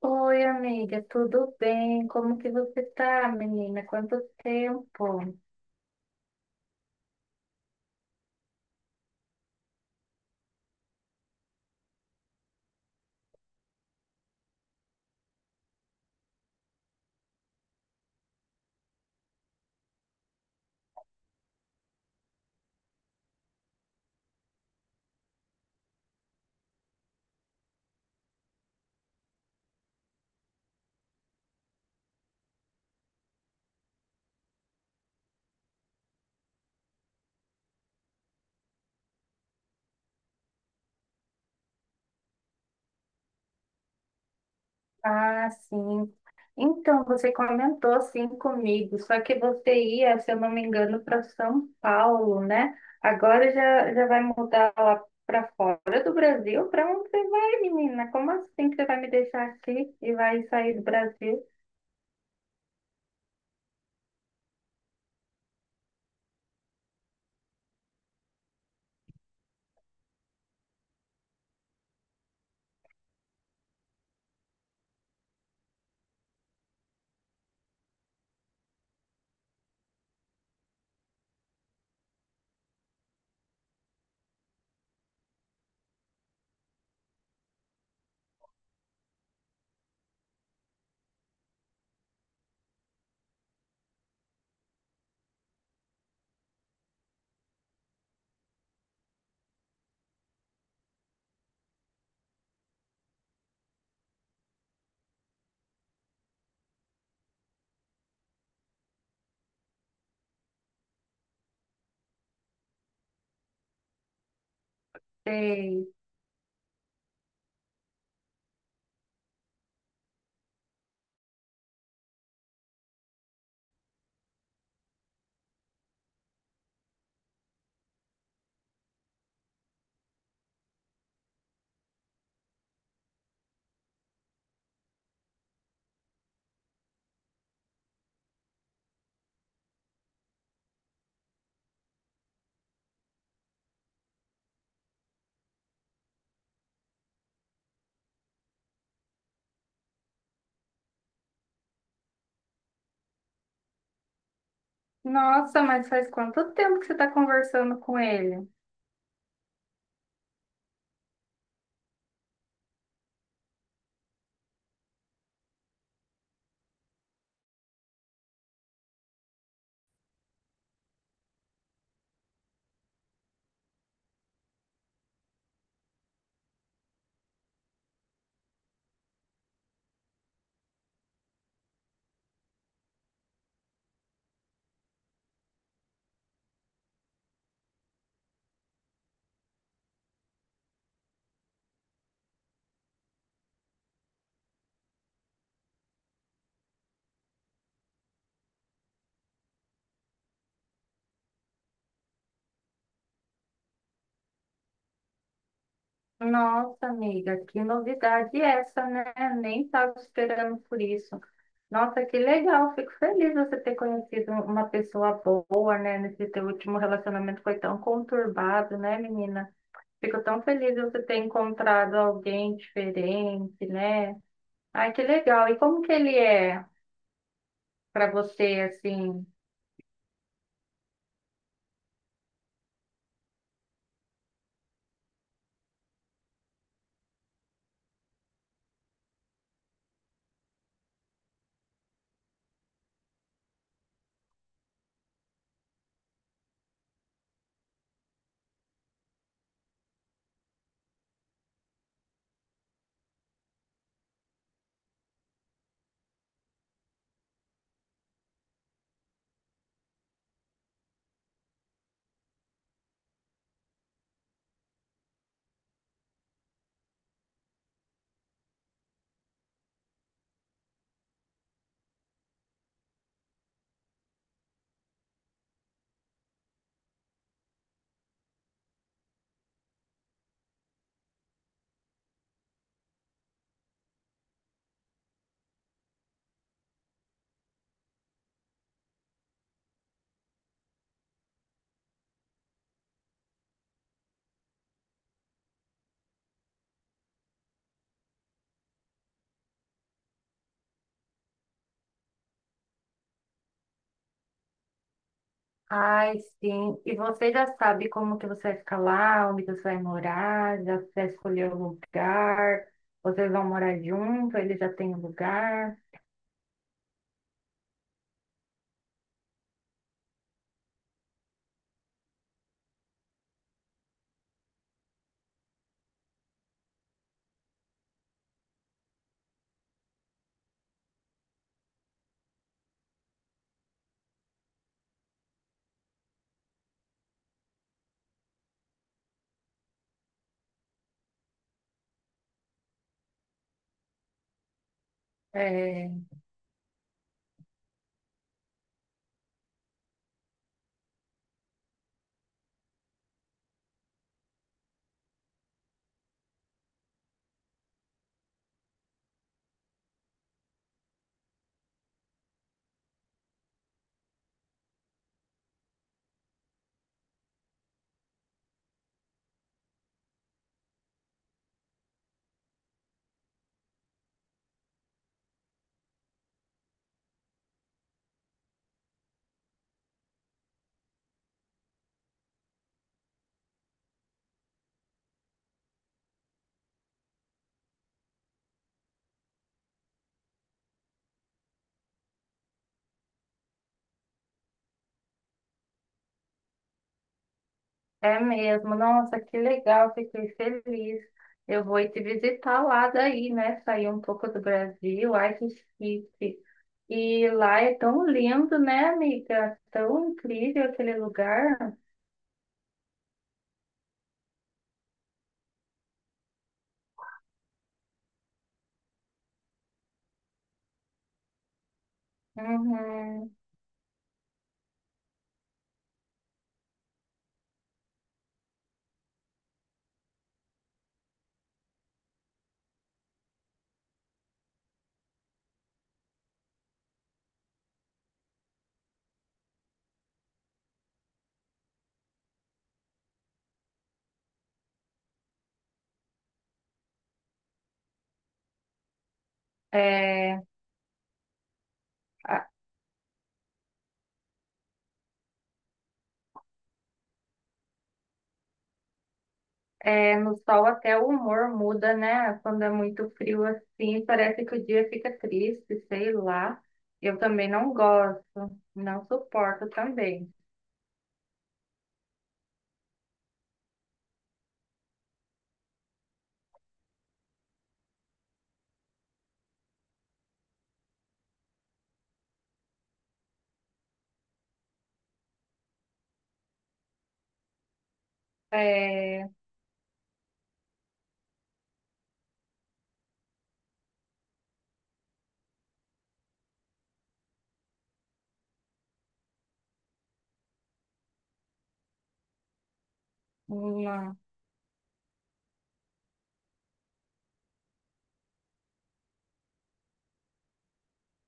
Oi, amiga, tudo bem? Como que você tá, menina? Quanto tempo? Ah, sim. Então, você comentou assim comigo, só que você ia, se eu não me engano, para São Paulo, né? Agora já vai mudar lá para fora do Brasil? Para onde você vai, menina? Como assim que você vai me deixar aqui e vai sair do Brasil? Sei. Nossa, mas faz quanto tempo que você está conversando com ele? Nossa, amiga, que novidade essa, né? Nem estava esperando por isso. Nossa, que legal, fico feliz você ter conhecido uma pessoa boa, né? Nesse teu último relacionamento foi tão conturbado, né, menina? Fico tão feliz de você ter encontrado alguém diferente, né? Ai, que legal. E como que ele é para você, assim? Ai, sim. E você já sabe como que você vai ficar lá, onde você vai morar, já você escolheu o lugar, vocês vão morar junto, ele já tem o lugar. É, é mesmo. Nossa, que legal, fiquei feliz. Eu vou ir te visitar lá daí, né? Sair um pouco do Brasil. Ai, que chique. E lá é tão lindo, né, amiga? Tão incrível aquele lugar. Uhum. É, é, no sol até o humor muda, né? Quando é muito frio assim, parece que o dia fica triste, sei lá. Eu também não gosto, não suporto também. É, não,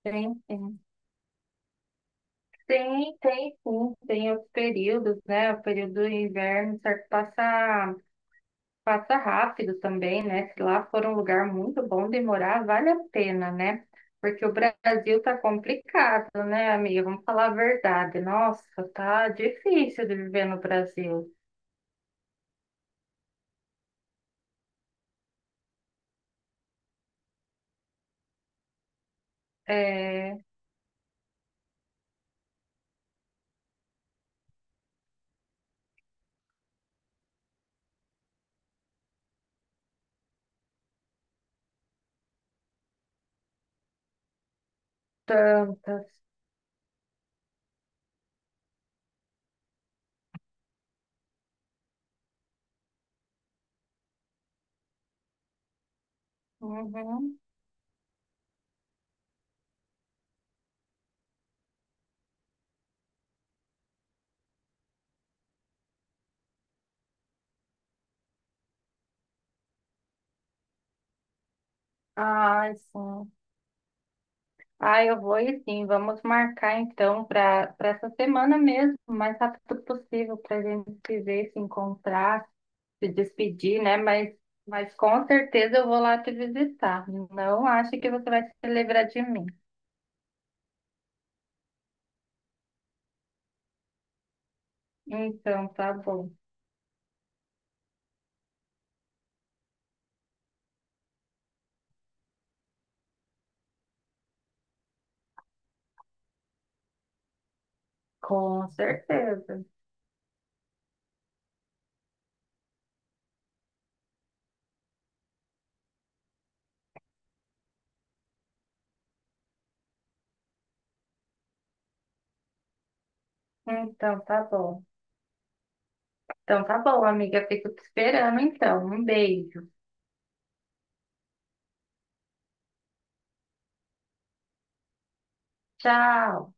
tem, tem, tem, tem, sim, tem os períodos, né? O período do inverno, certo? Passa. Passa rápido também, né? Se lá for um lugar muito bom de morar, vale a pena, né? Porque o Brasil tá complicado, né, amiga? Vamos falar a verdade. Nossa, tá difícil de viver no Brasil. É, tantas. Uhum. Ai, sim. Ai, eu vou e sim. Vamos marcar então para essa semana mesmo, o mais rápido possível, para a gente se ver, se encontrar, se despedir, né? Mas com certeza eu vou lá te visitar. Não ache que você vai se lembrar de mim. Então, tá bom. Com certeza. Então, tá bom. Então, tá bom, amiga. Fico te esperando, então. Um beijo. Tchau.